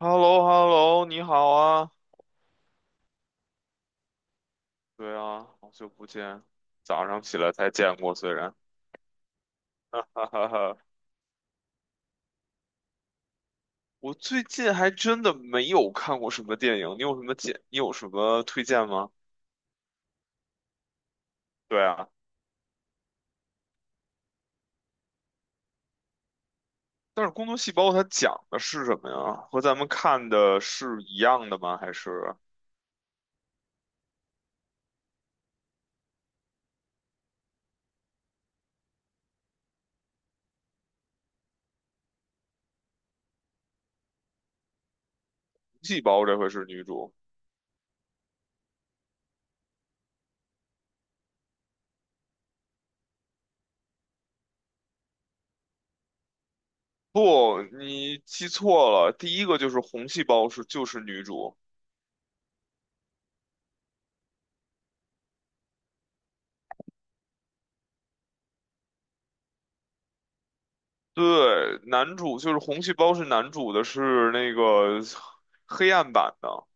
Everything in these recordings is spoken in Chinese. h e l l o h e l l o 你好啊。对啊，好久不见，早上起来才见过，虽然，哈哈哈哈。我最近还真的没有看过什么电影，你有什么推荐吗？对啊，但是《工作细胞》它讲的是什么呀？和咱们看的是一样的吗？还是细胞这回是女主？不，你记错了，第一个就是红细胞就是女主。对，男主就是红细胞是男主的，是那个黑暗版的。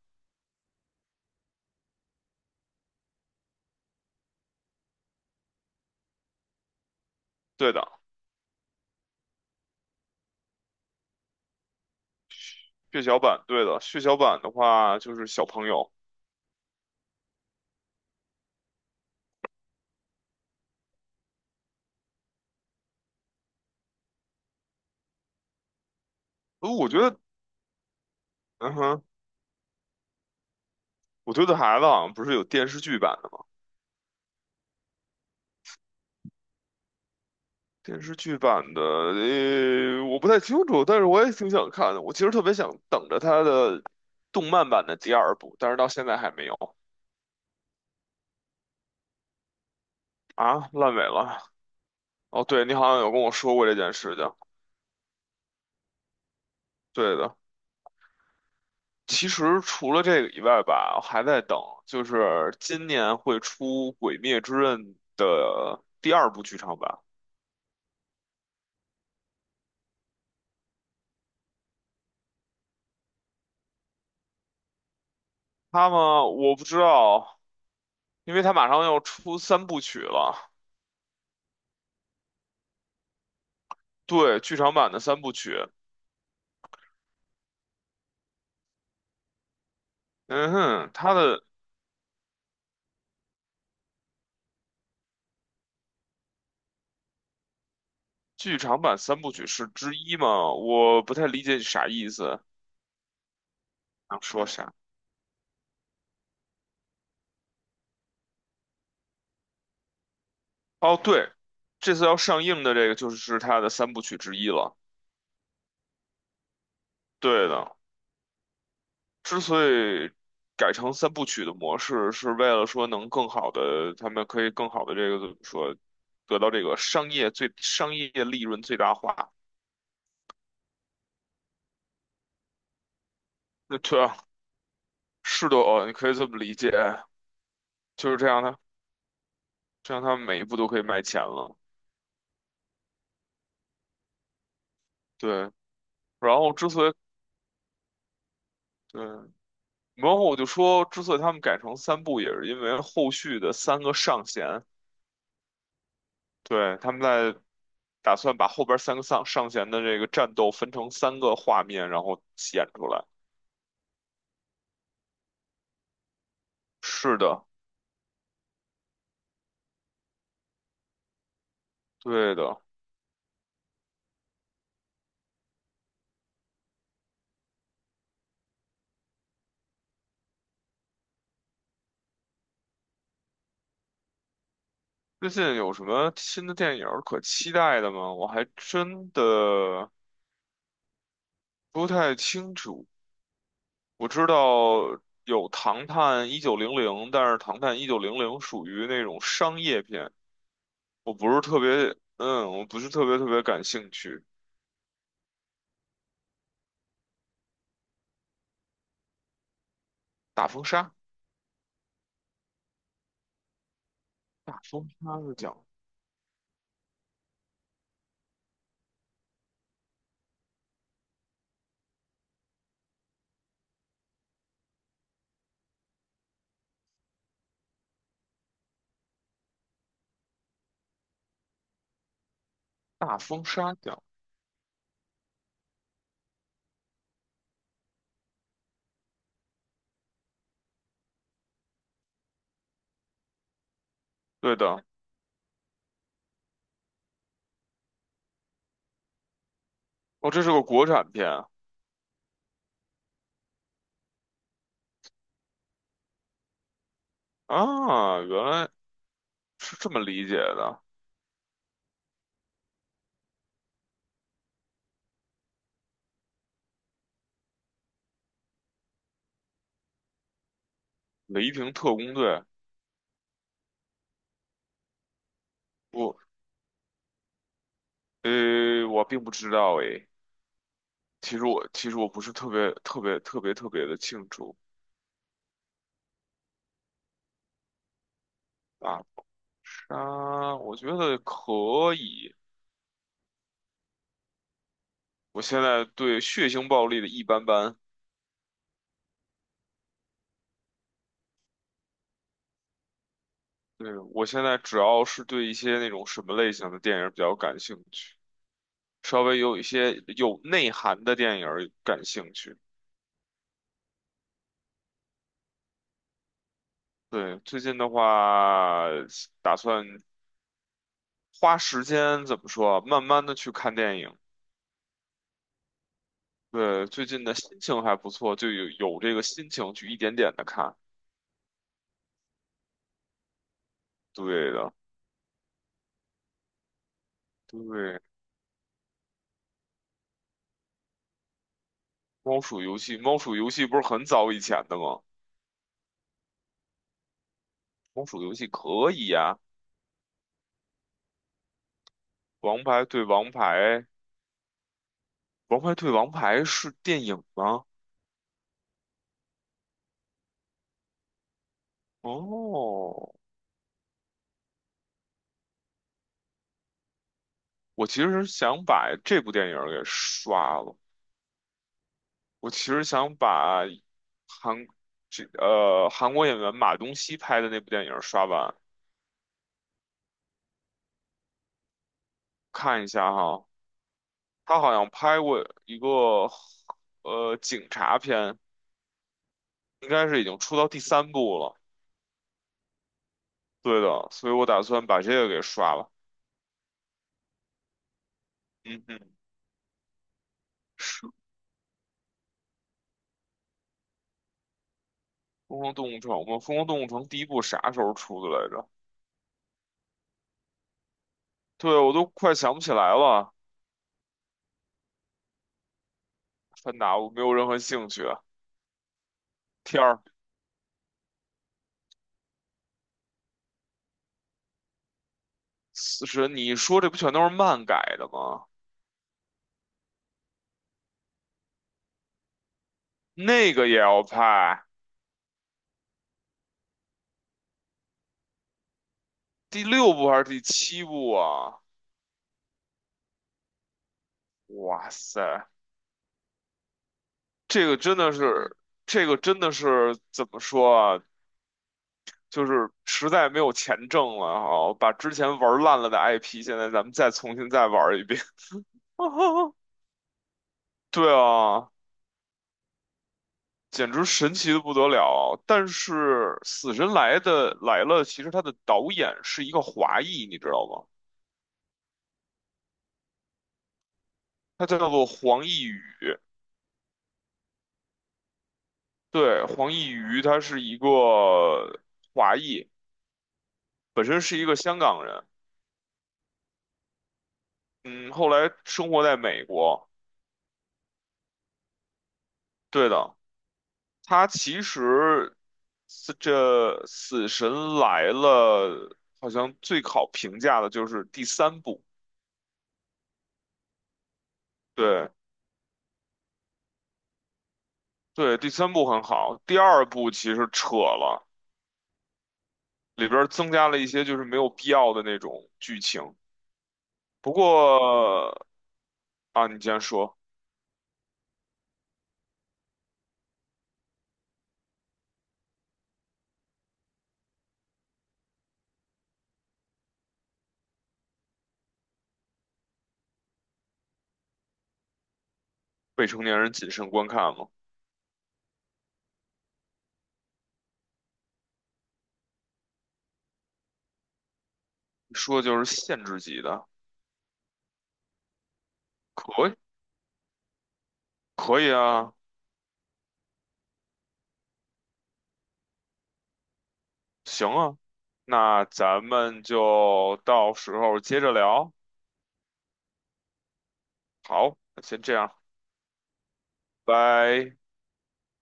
对的，血小板，对的，血小板的话就是小朋友。我觉得，嗯哼，我觉得孩子好像不是有电视剧版的吗？电视剧版的，我不太清楚，但是我也挺想看的。我其实特别想等着他的动漫版的第二部，但是到现在还没有。啊，烂尾了。哦，对，你好像有跟我说过这件事情，对的。其实除了这个以外吧，我还在等，就是今年会出《鬼灭之刃》的第二部剧场版。它们我不知道，因为它马上要出三部曲了。对，剧场版的三部曲。嗯哼，它的剧场版三部曲是之一吗？我不太理解你啥意思，想说啥？哦，对，这次要上映的这个就是它的三部曲之一了。对的。之所以改成三部曲的模式，是为了说能更好的，他们可以更好的这个怎么说，得到这个商业利润最大化。那对啊，是的哦，你可以这么理解，就是这样的，这样他们每一步都可以卖钱了。对。然后之所以对，然后我就说，之所以他们改成三部，也是因为后续的三个上弦。对，他们在，打算把后边三个上弦的这个战斗分成三个画面，然后演出来。是的，对的。最近有什么新的电影儿可期待的吗？我还真的不太清楚。我知道有《唐探一九零零》，但是《唐探一九零零》属于那种商业片，我不是特别特别感兴趣。大风沙，大风沙的奖，大风沙奖，对的。哦，这是个国产片啊。啊原来是这么理解的。雷霆特工队，不？我并不知道诶。其实我其实我不是特别特别特别特别的清楚。大杀，我觉得可以。我现在对血腥暴力的一般般。对，我现在主要是对一些那种什么类型的电影比较感兴趣，稍微有一些有内涵的电影儿感兴趣。对，最近的话，打算花时间怎么说啊慢慢的去看电影。对，最近的心情还不错，就有这个心情去一点点的看。对的。对，猫鼠游戏，猫鼠游戏不是很早以前的吗？猫鼠游戏可以呀、王牌对王牌，王牌对王牌是电影吗？哦，我其实想把这部电影给刷了。我其实想把韩韩国演员马东锡拍的那部电影刷完，看一下哈。他好像拍过一个警察片，应该是已经出到第三部了。对的，所以我打算把这个给刷了。嗯哼，是《疯狂动物城》吗？《疯狂动物城》第一部啥时候出的来着？对，我都快想不起来了。芬达，我没有任何兴趣。天儿，死神，你说这不全都是漫改的吗？那个也要拍。第六部还是第七部啊？哇塞，这个真的是，这个真的是怎么说啊？就是实在没有钱挣了啊，哦把之前玩烂了的 IP，现在咱们再重新再玩一遍。对啊，简直神奇的不得了。但是《死神来了》，其实它的导演是一个华裔，你知道吗？他叫做黄奕宇。对，黄奕瑜，他是一个华裔，本身是一个香港人。嗯，后来生活在美国。对的，它其实是这《死神来了》好像最好评价的就是第三部。对对，第三部很好，第二部其实扯了，里边儿增加了一些就是没有必要的那种剧情。不过啊，你既然说未成年人谨慎观看嘛，说就是限制级的，可以可以啊，行啊，那咱们就到时候接着聊，好，那先这样。拜。